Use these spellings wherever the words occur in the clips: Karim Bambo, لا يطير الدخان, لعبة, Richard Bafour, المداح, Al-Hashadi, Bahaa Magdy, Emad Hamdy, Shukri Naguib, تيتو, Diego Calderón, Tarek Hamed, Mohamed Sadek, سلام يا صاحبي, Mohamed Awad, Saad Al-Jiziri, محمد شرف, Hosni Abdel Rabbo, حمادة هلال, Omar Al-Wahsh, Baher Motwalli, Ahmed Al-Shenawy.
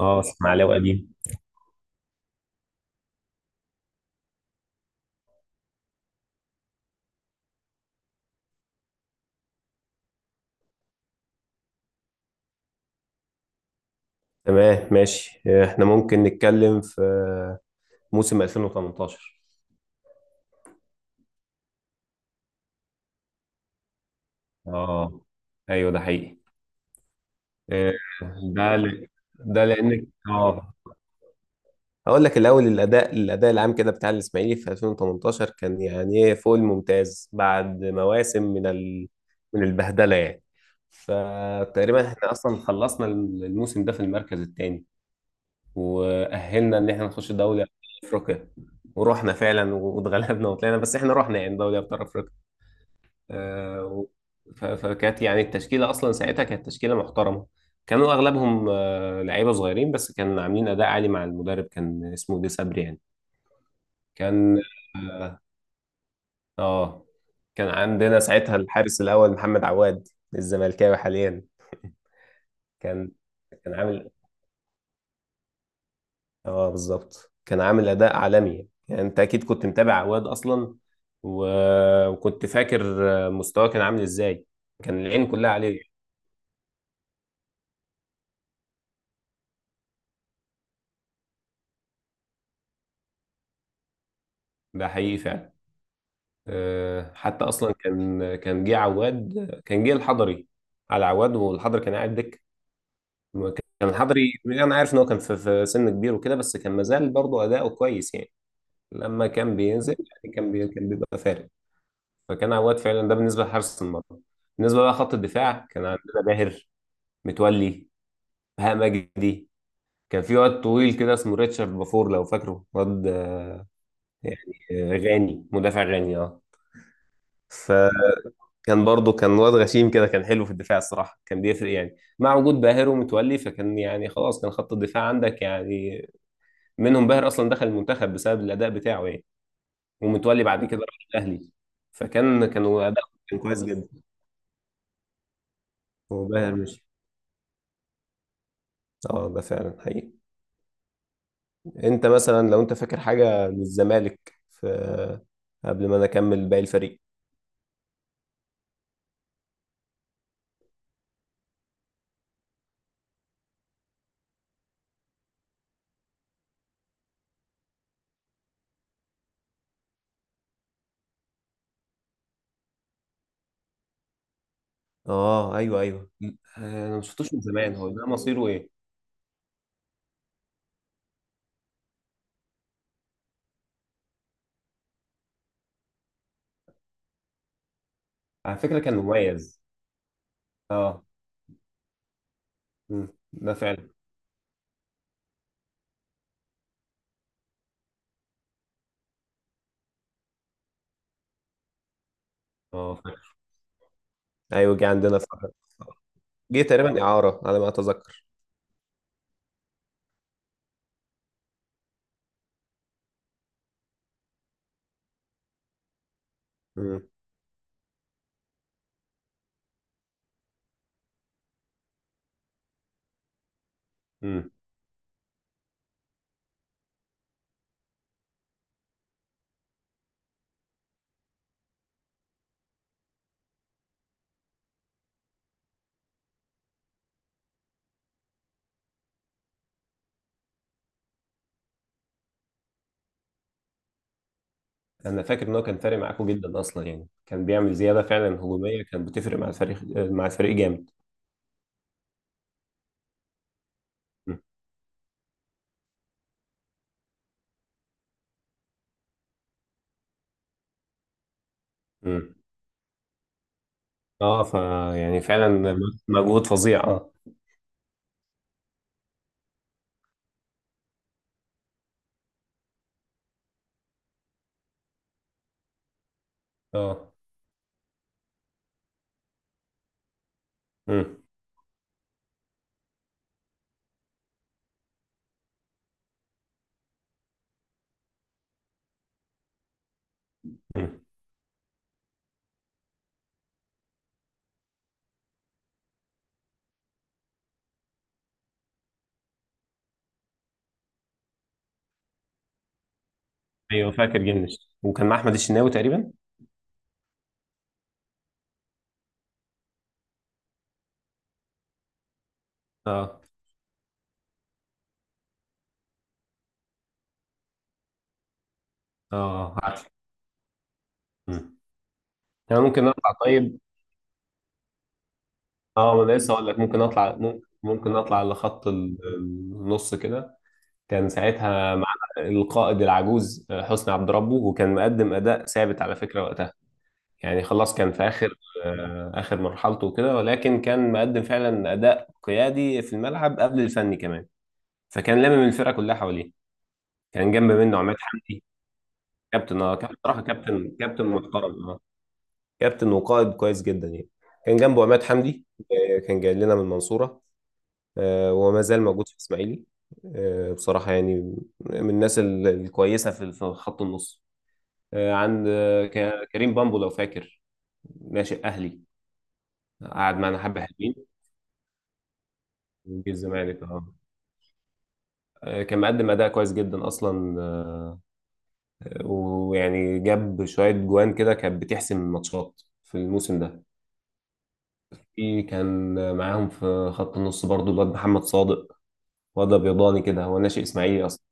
اه، اسماعيلاوي قديم. تمام، ماشي. احنا ممكن نتكلم في موسم 2018. اه ايوه، ده حقيقي. آه، ده ل... ده لانك هقول لك الاول. الاداء العام كده بتاع الاسماعيلي في 2018 كان يعني ايه فوق الممتاز، بعد مواسم من من البهدله يعني. فتقريبا احنا اصلا خلصنا الموسم ده في المركز الثاني، واهلنا ان احنا نخش دوري ابطال افريقيا، ورحنا فعلا واتغلبنا وطلعنا، بس احنا رحنا يعني دوري ابطال افريقيا. آه، و- فكانت يعني التشكيله اصلا ساعتها كانت تشكيله محترمه. كانوا اغلبهم لعيبه صغيرين، بس كانوا عاملين اداء عالي مع المدرب، كان اسمه دي صبري يعني. كان اه كان عندنا ساعتها الحارس الاول محمد عواد الزملكاوي حاليا. كان كان عامل اه بالظبط، كان عامل اداء عالمي. يعني انت اكيد كنت متابع عواد اصلا، و... وكنت فاكر مستواه كان عامل ازاي، كان العين كلها عليه. ده حقيقي فعلا. حتى اصلا كان جه عواد، كان جه الحضري على عواد، والحضري كان قاعد دك. كان الحضري انا عارف ان هو كان في سن كبير وكده، بس كان مازال برضه اداؤه كويس يعني. لما كان بينزل يعني كان بيبقى فارق. فكان عواد فعلا، ده بالنسبه لحارس المرمى. بالنسبه بقى خط الدفاع، كان عندنا باهر، متولي، بهاء مجدي. كان في واد طويل كده اسمه ريتشارد بافور، لو فاكره، واد يعني غاني، مدافع غاني اه. فكان برضه كان واد غشيم كده، كان حلو في الدفاع الصراحة، كان بيفرق يعني مع وجود باهر ومتولي. فكان يعني خلاص، كان خط الدفاع عندك يعني منهم. باهر اصلا دخل المنتخب بسبب الاداء بتاعه يعني، ومتولي بعد كده راح الاهلي. فكان كانوا اداء كان كويس جدا. وباهر مش، اه ده فعلا حقيقي. انت مثلا لو انت فاكر حاجة من الزمالك في، قبل ما انا اكمل باقي الفريق؟ اه ايوه ايوه. انا ما شفتوش من زمان، هو ده مصيره ايه؟ على فكرة كان مميز اه. مم، ده فعلا. اه فاكر. ايوه جه عندنا فترة، جه تقريبا إعارة على ما أتذكر. مم. مم. أنا فاكر إن هو كان فارق معاكم جدا أصلا، يعني كان بيعمل زيادة فعلا هجومية، كان بتفرق مع الفريق، مع الفريق جامد. مم. مم. اه فا يعني فعلا مجهود فظيع اه. اه. مم. مم. ايوه فاكر جنش، وكان مع احمد الشناوي تقريبا. اه. اه عارف. مم. انا ممكن اطلع طيب. اه انا لسه اقول لك، ممكن اطلع ممكن اطلع لخط النص كده. كان ساعتها مع القائد العجوز حسني عبد ربه، وكان مقدم اداء ثابت على فكره وقتها. يعني خلاص، كان في اخر، اخر مرحلته وكده، ولكن كان مقدم فعلا اداء قيادي في الملعب قبل الفني كمان. فكان لامم الفرقه كلها حواليه. كان جنب منه عماد حمدي. كابتن، اه كابتن صراحه، كابتن محترم. كابتن وقائد كويس جدا يعني. كان جنبه عماد حمدي. كان جاي لنا من المنصورة، وما زال موجود في إسماعيلي. بصراحة يعني من الناس الكويسة في خط النص. كريم بامبو لو فاكر، ناشئ أهلي. قعد معانا حبة حلوين، وجه الزمالك اه. كان مقدم أداء كويس جدا أصلا، ويعني جاب شوية جوان كده كانت بتحسم الماتشات في الموسم ده. في كان معاهم في خط النص برضو الواد محمد صادق، وضع بيضاني كده، هو ناشئ اسماعيلي اصلا.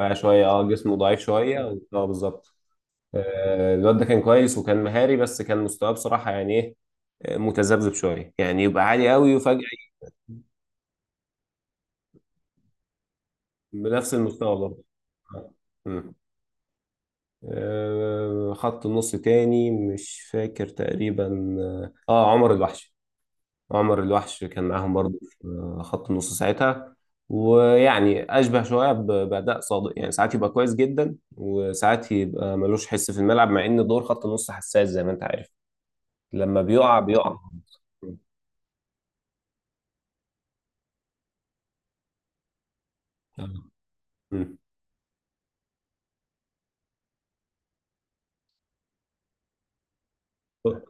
رفيع شويه اه، جسمه ضعيف شويه، بالظبط. الواد ده كان كويس وكان مهاري، بس كان مستواه بصراحه يعني ايه، متذبذب شويه يعني، يبقى عالي قوي وفجاه. بنفس المستوى برضه آه. مم. خط النص تاني مش فاكر تقريبا. عمر الوحش، عمر الوحش كان معاهم برضه في خط النص ساعتها، ويعني اشبه شويه باداء صادق يعني. ساعات يبقى كويس جدا وساعات يبقى ملوش حس في الملعب، مع ان دور خط النص حساس زي ما انت عارف. لما بيقع بيقع. مم.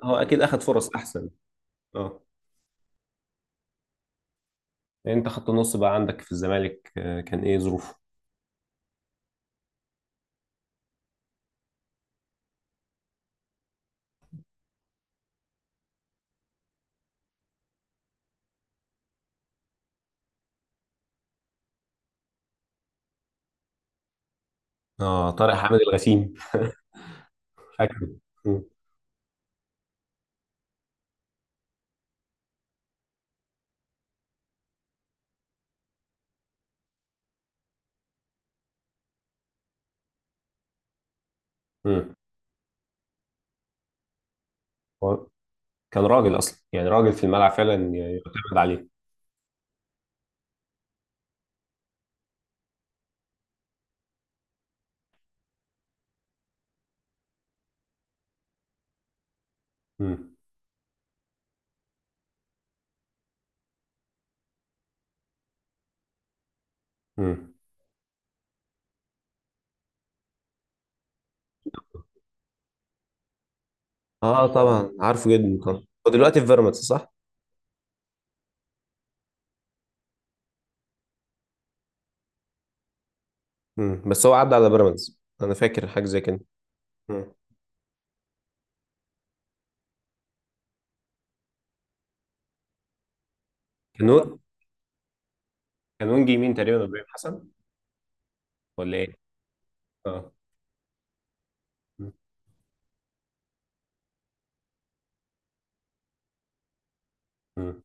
هو اكيد اخد فرص احسن. اه. انت خط النص بقى عندك في الزمالك كان ايه ظروفه؟ اه طارق حامد الغسيم. فاكره. مم. مم. هو كان راجل اصلا يعني، راجل في الملعب فعلا يعتمد عليه. مم. مم. اه طبعا عارفه جدا طبعا، هو دلوقتي في بيراميدز صح؟ مم. بس هو عدى على بيراميدز، انا فاكر حاجه زي كده. مم. كانون، كان وينج يمين تقريبا ابراهيم حسن، ولا ايه؟ اه. مم. مم.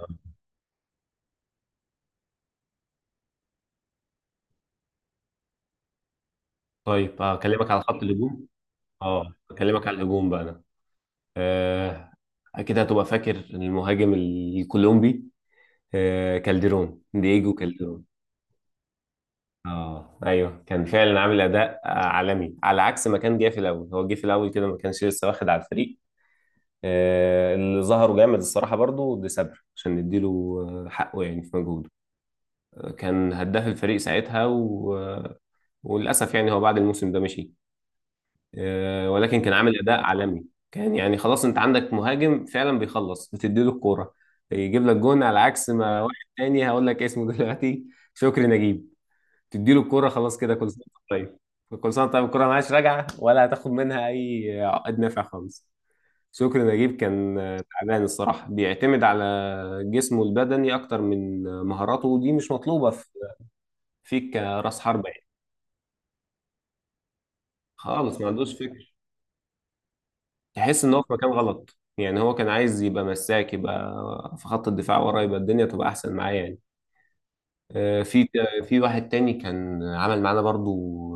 آه. طيب اكلمك على خط الهجوم. اه اكلمك على الهجوم بقى انا آه اكيد هتبقى فاكر المهاجم الكولومبي آه كالديرون دييجو كالديرون اه ايوه كان فعلا عامل اداء آه، عالمي على عكس ما كان جاي في الاول. هو جه في الاول كده ما كانش لسه واخد على الفريق. اللي ظهره جامد الصراحة برضو دي سبر، عشان نديله حقه يعني في مجهوده. كان هداف الفريق ساعتها، و... آه، وللأسف يعني هو بعد الموسم ده مشي، ولكن كان عامل أداء عالمي. كان يعني خلاص، أنت عندك مهاجم فعلا بيخلص، بتديله الكورة يجيب لك جون. على عكس ما واحد تاني هقول لك اسمه دلوقتي، شكري نجيب. تديله الكورة خلاص كده، كل سنة وأنت طيب، كل سنة وأنت طيب، الكورة معاش راجعة، ولا هتاخد منها أي عقد نافع خالص. شكري نجيب كان تعبان الصراحة، بيعتمد على جسمه البدني اكتر من مهاراته، ودي مش مطلوبه فيك كراس حربة يعني. خالص ما عندوش فكر، تحس ان هو في مكان غلط يعني. هو كان عايز يبقى مساك، يبقى في خط الدفاع ورا، يبقى الدنيا تبقى احسن معاه يعني. آه، في في واحد تاني كان عمل معانا برضو،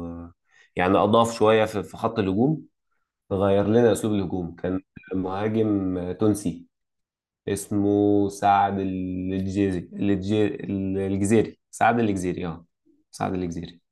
آه، يعني اضاف شويه في خط الهجوم، غير لنا اسلوب الهجوم. كان مهاجم تونسي اسمه سعد الجزيري، الجزيري، الجزيري، سعد الجزيري اه، سعد الجزيري.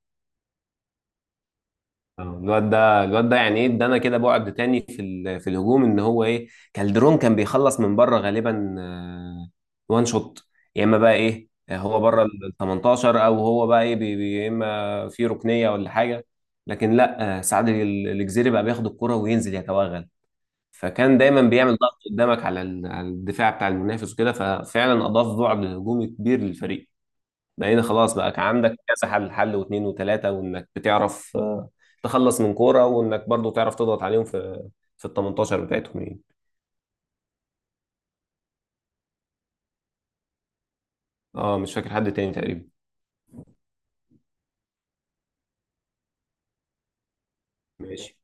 الواد ده يعني ايه، ادانا كده بعد تاني في الهجوم، ان هو ايه، كالدرون كان بيخلص من بره غالبا وان شوت، يا اما بقى ايه هو بره ال 18، او هو بقى ايه يا اما في ركنيه ولا حاجه. لكن لا الجزيري بقى بياخد الكره وينزل يتوغل، فكان دايما بيعمل ضغط قدامك على على الدفاع بتاع المنافس وكده، ففعلا اضاف بعد هجومي كبير للفريق. بقينا خلاص بقى، كان عندك كذا حل، حل واثنين وثلاثة، وانك بتعرف تخلص من كورة، وانك برضو تعرف تضغط عليهم في في ال 18 بتاعتهم يعني. اه مش فاكر حد تاني تقريبا. ماشي.